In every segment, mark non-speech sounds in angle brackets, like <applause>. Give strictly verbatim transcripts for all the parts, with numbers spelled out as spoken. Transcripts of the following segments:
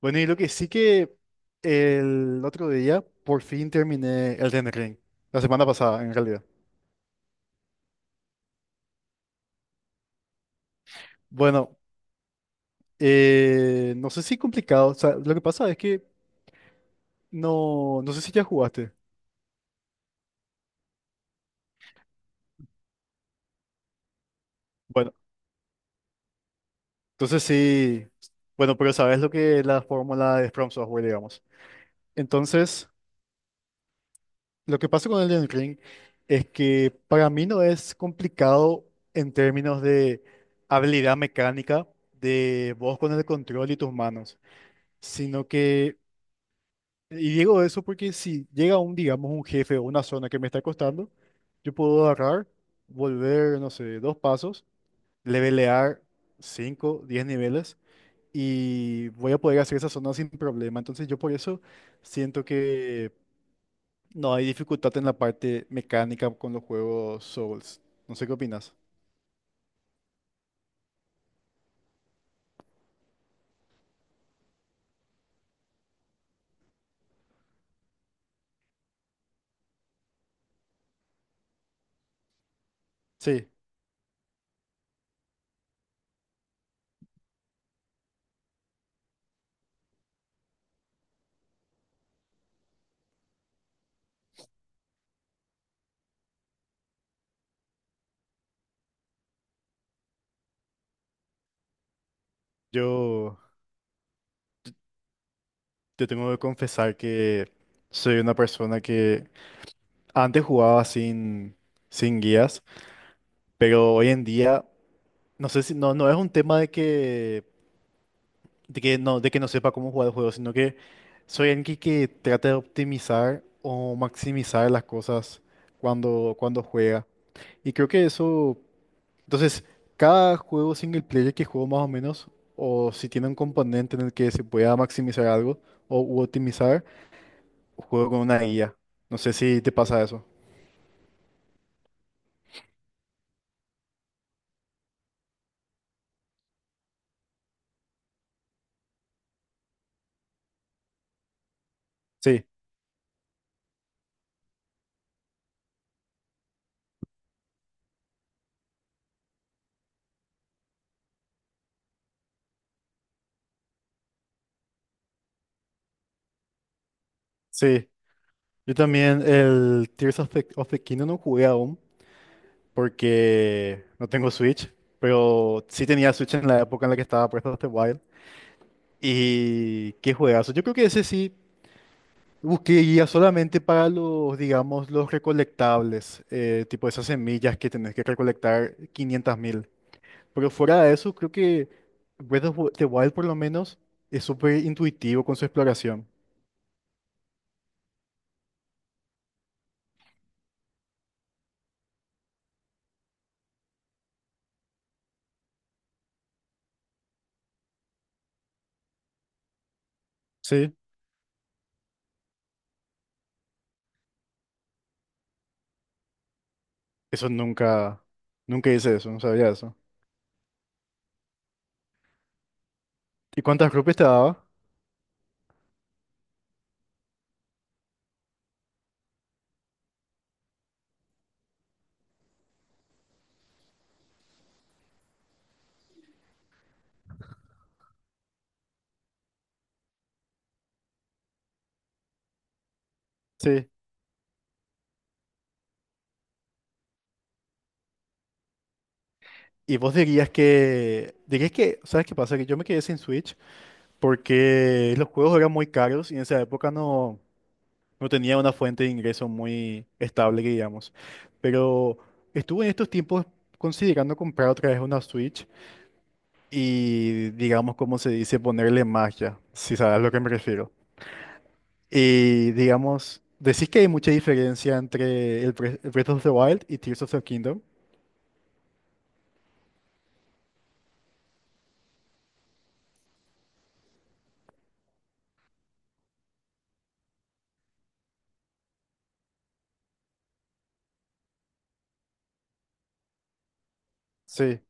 Bueno, y lo que sí que el otro día por fin terminé Elden Ring, la semana pasada en realidad. Bueno, eh, no sé si complicado, o sea, lo que pasa es que no, no sé si ya jugaste. Bueno, entonces sí, bueno, pero sabes lo que es la fórmula de From Software, digamos. Entonces, lo que pasa con Elden Ring es que para mí no es complicado en términos de habilidad mecánica de vos con el control y tus manos, sino que... Y digo eso porque si llega un, digamos, un jefe o una zona que me está costando, yo puedo agarrar, volver, no sé, dos pasos, levelear cinco, diez niveles y voy a poder hacer esa zona sin problema. Entonces yo por eso siento que no hay dificultad en la parte mecánica con los juegos Souls. No sé qué opinas. Sí, yo, yo tengo que confesar que soy una persona que antes jugaba sin, sin guías, pero hoy en día... No sé si, no, no es un tema de que, de que no, de que no sepa cómo jugar el juego, sino que soy alguien que, que trata de optimizar o maximizar las cosas cuando, cuando juega. Y creo que eso, entonces, cada juego single player que juego más o menos, o si tiene un componente en el que se pueda maximizar algo o u optimizar, juego con una I A. No sé si te pasa eso. Sí, sí. Yo también el Tears of the, of the Kingdom no jugué aún, porque no tengo Switch, pero sí tenía Switch en la época en la que estaba Breath of the Wild. Y qué juegazo. Yo creo que ese sí busqué guía solamente para los, digamos, los recolectables, eh, tipo esas semillas que tenés que recolectar quinientas mil. Pero fuera de eso, creo que Breath of the Wild por lo menos es súper intuitivo con su exploración. Sí, eso nunca, nunca hice eso, no sabía eso. ¿Y cuántas rupias te daba? Sí. Y vos dirías que, dirías que, ¿sabes qué pasa? Que yo me quedé sin Switch porque los juegos eran muy caros y en esa época no, no tenía una fuente de ingreso muy estable, que digamos. Pero estuve en estos tiempos considerando comprar otra vez una Switch y, digamos, como se dice, ponerle magia, si sabes a lo que me refiero. Y, digamos, decís que hay mucha diferencia entre el Bre- Breath of the Wild y Tears of the Kingdom. Sí.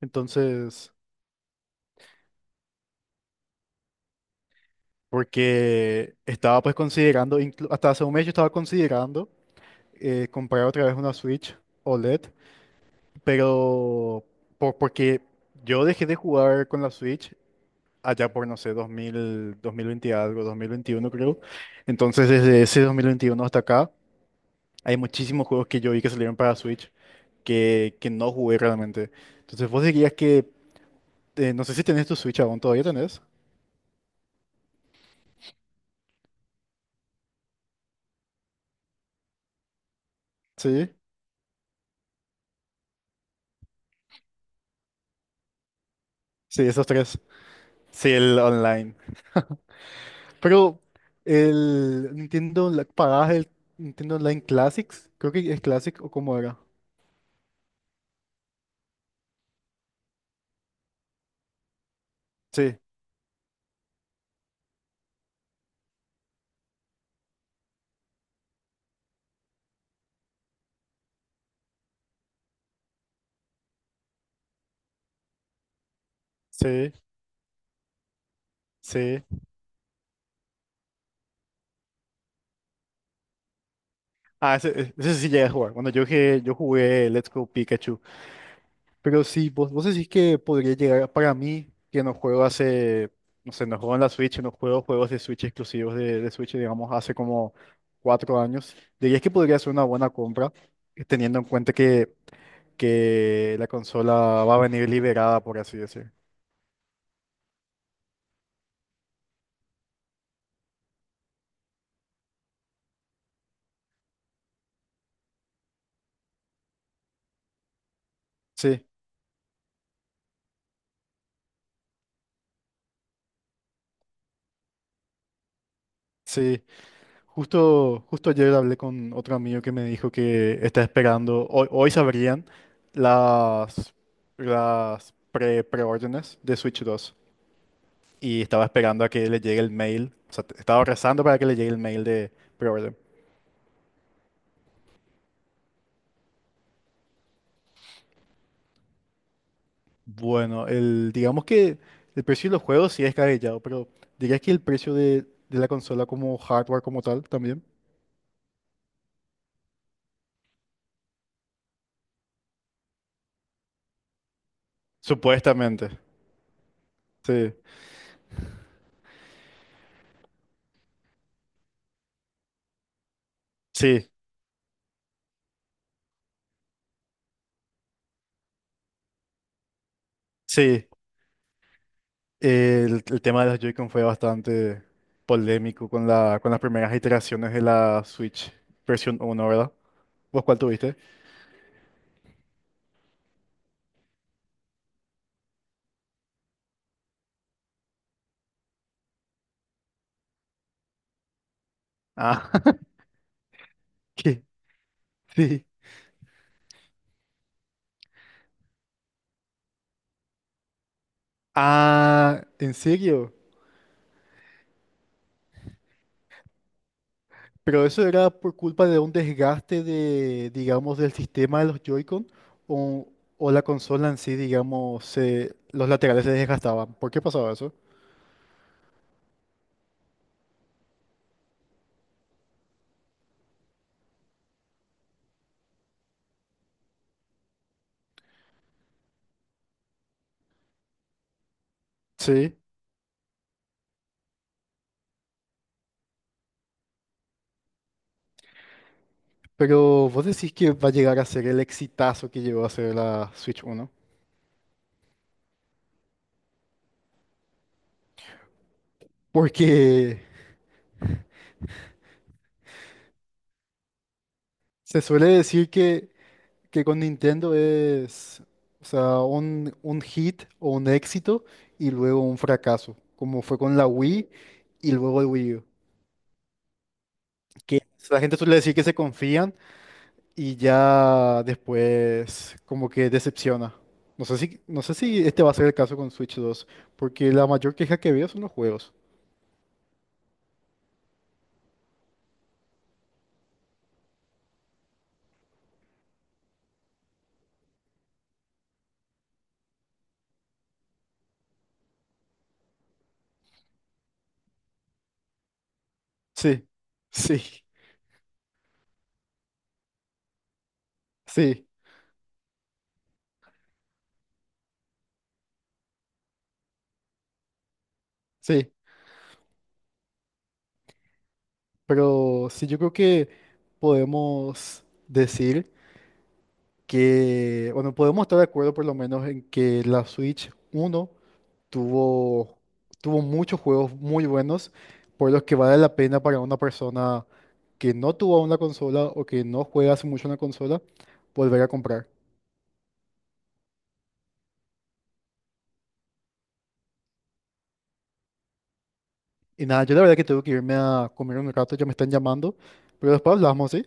Entonces... Porque estaba pues considerando, inclu- hasta hace un mes yo estaba considerando eh, comprar otra vez una Switch O L E D, pero por- porque yo dejé de jugar con la Switch allá por, no sé, dos dos mil dos mil dos mil veinte algo, dos mil veintiuno creo. Entonces desde ese dos mil veintiuno hasta acá hay muchísimos juegos que yo vi que salieron para Switch que, que no jugué realmente. Entonces vos dirías que, eh, no sé si tenés tu Switch aún, ¿todavía tenés? Sí, sí, esos tres. Sí, el online. Pero el Nintendo, Online- pagabas el Nintendo Online Classics, creo que es Classic o cómo era. Sí, sí, sí. Ah, ese, e-, ese sí llegué a jugar. Bueno, yo jugué, yo jugué Let's Go Pikachu. Pero sí, vos, vos decís que podría llegar a... para mí, que no juego hace, no sé, no juego en la Switch, no juego juegos de Switch exclusivos de, de Switch, digamos, hace como cuatro años. Dirías que podría ser una buena compra, eh, teniendo en cuenta que, que la consola va a venir liberada, por así decir. Sí. Sí, justo, justo ayer hablé con otro amigo que me dijo que está esperando, hoy, hoy sabrían las, las pre, preórdenes de Switch dos y estaba esperando a que le llegue el mail, o sea, estaba rezando para que le llegue el mail de preorden. Bueno, el, digamos que el precio de los juegos sí es cabellado, pero dirías que el precio de, de la consola como hardware como tal también. Supuestamente, sí, sí, sí. El, el tema de las Joy-Con fue bastante polémico con la, con las primeras iteraciones de la Switch versión uno, ¿verdad? ¿Vos cuál tuviste? Ah, <laughs> ¿qué? Sí. Ah, ¿en serio? ¿Pero eso era por culpa de un desgaste de, digamos, del sistema de los Joy-Con o, o la consola en sí, digamos, se- los laterales se desgastaban? ¿Por qué pasaba eso? Sí, pero vos decís que va a llegar a ser el exitazo que llegó a ser la Switch uno. Porque se suele decir que, que con Nintendo es, o sea, un, un hit o un éxito y luego un fracaso, como fue con la Wii y luego el Wii U. Que la gente suele decir que se confían y ya después como que decepciona. No sé si, no sé si este va a ser el caso con Switch dos porque la mayor queja que veo son los juegos. Sí, <laughs> sí, sí, sí. Pero sí, yo creo que podemos decir que, bueno, podemos estar de acuerdo por lo menos en que la Switch uno tuvo, tuvo muchos juegos muy buenos, por los que vale la pena para una persona que no tuvo una consola o que no juega hace mucho una consola, volver a comprar. Y nada, yo la verdad que tengo que irme a comer un rato, ya me están llamando, pero después hablamos, ¿sí?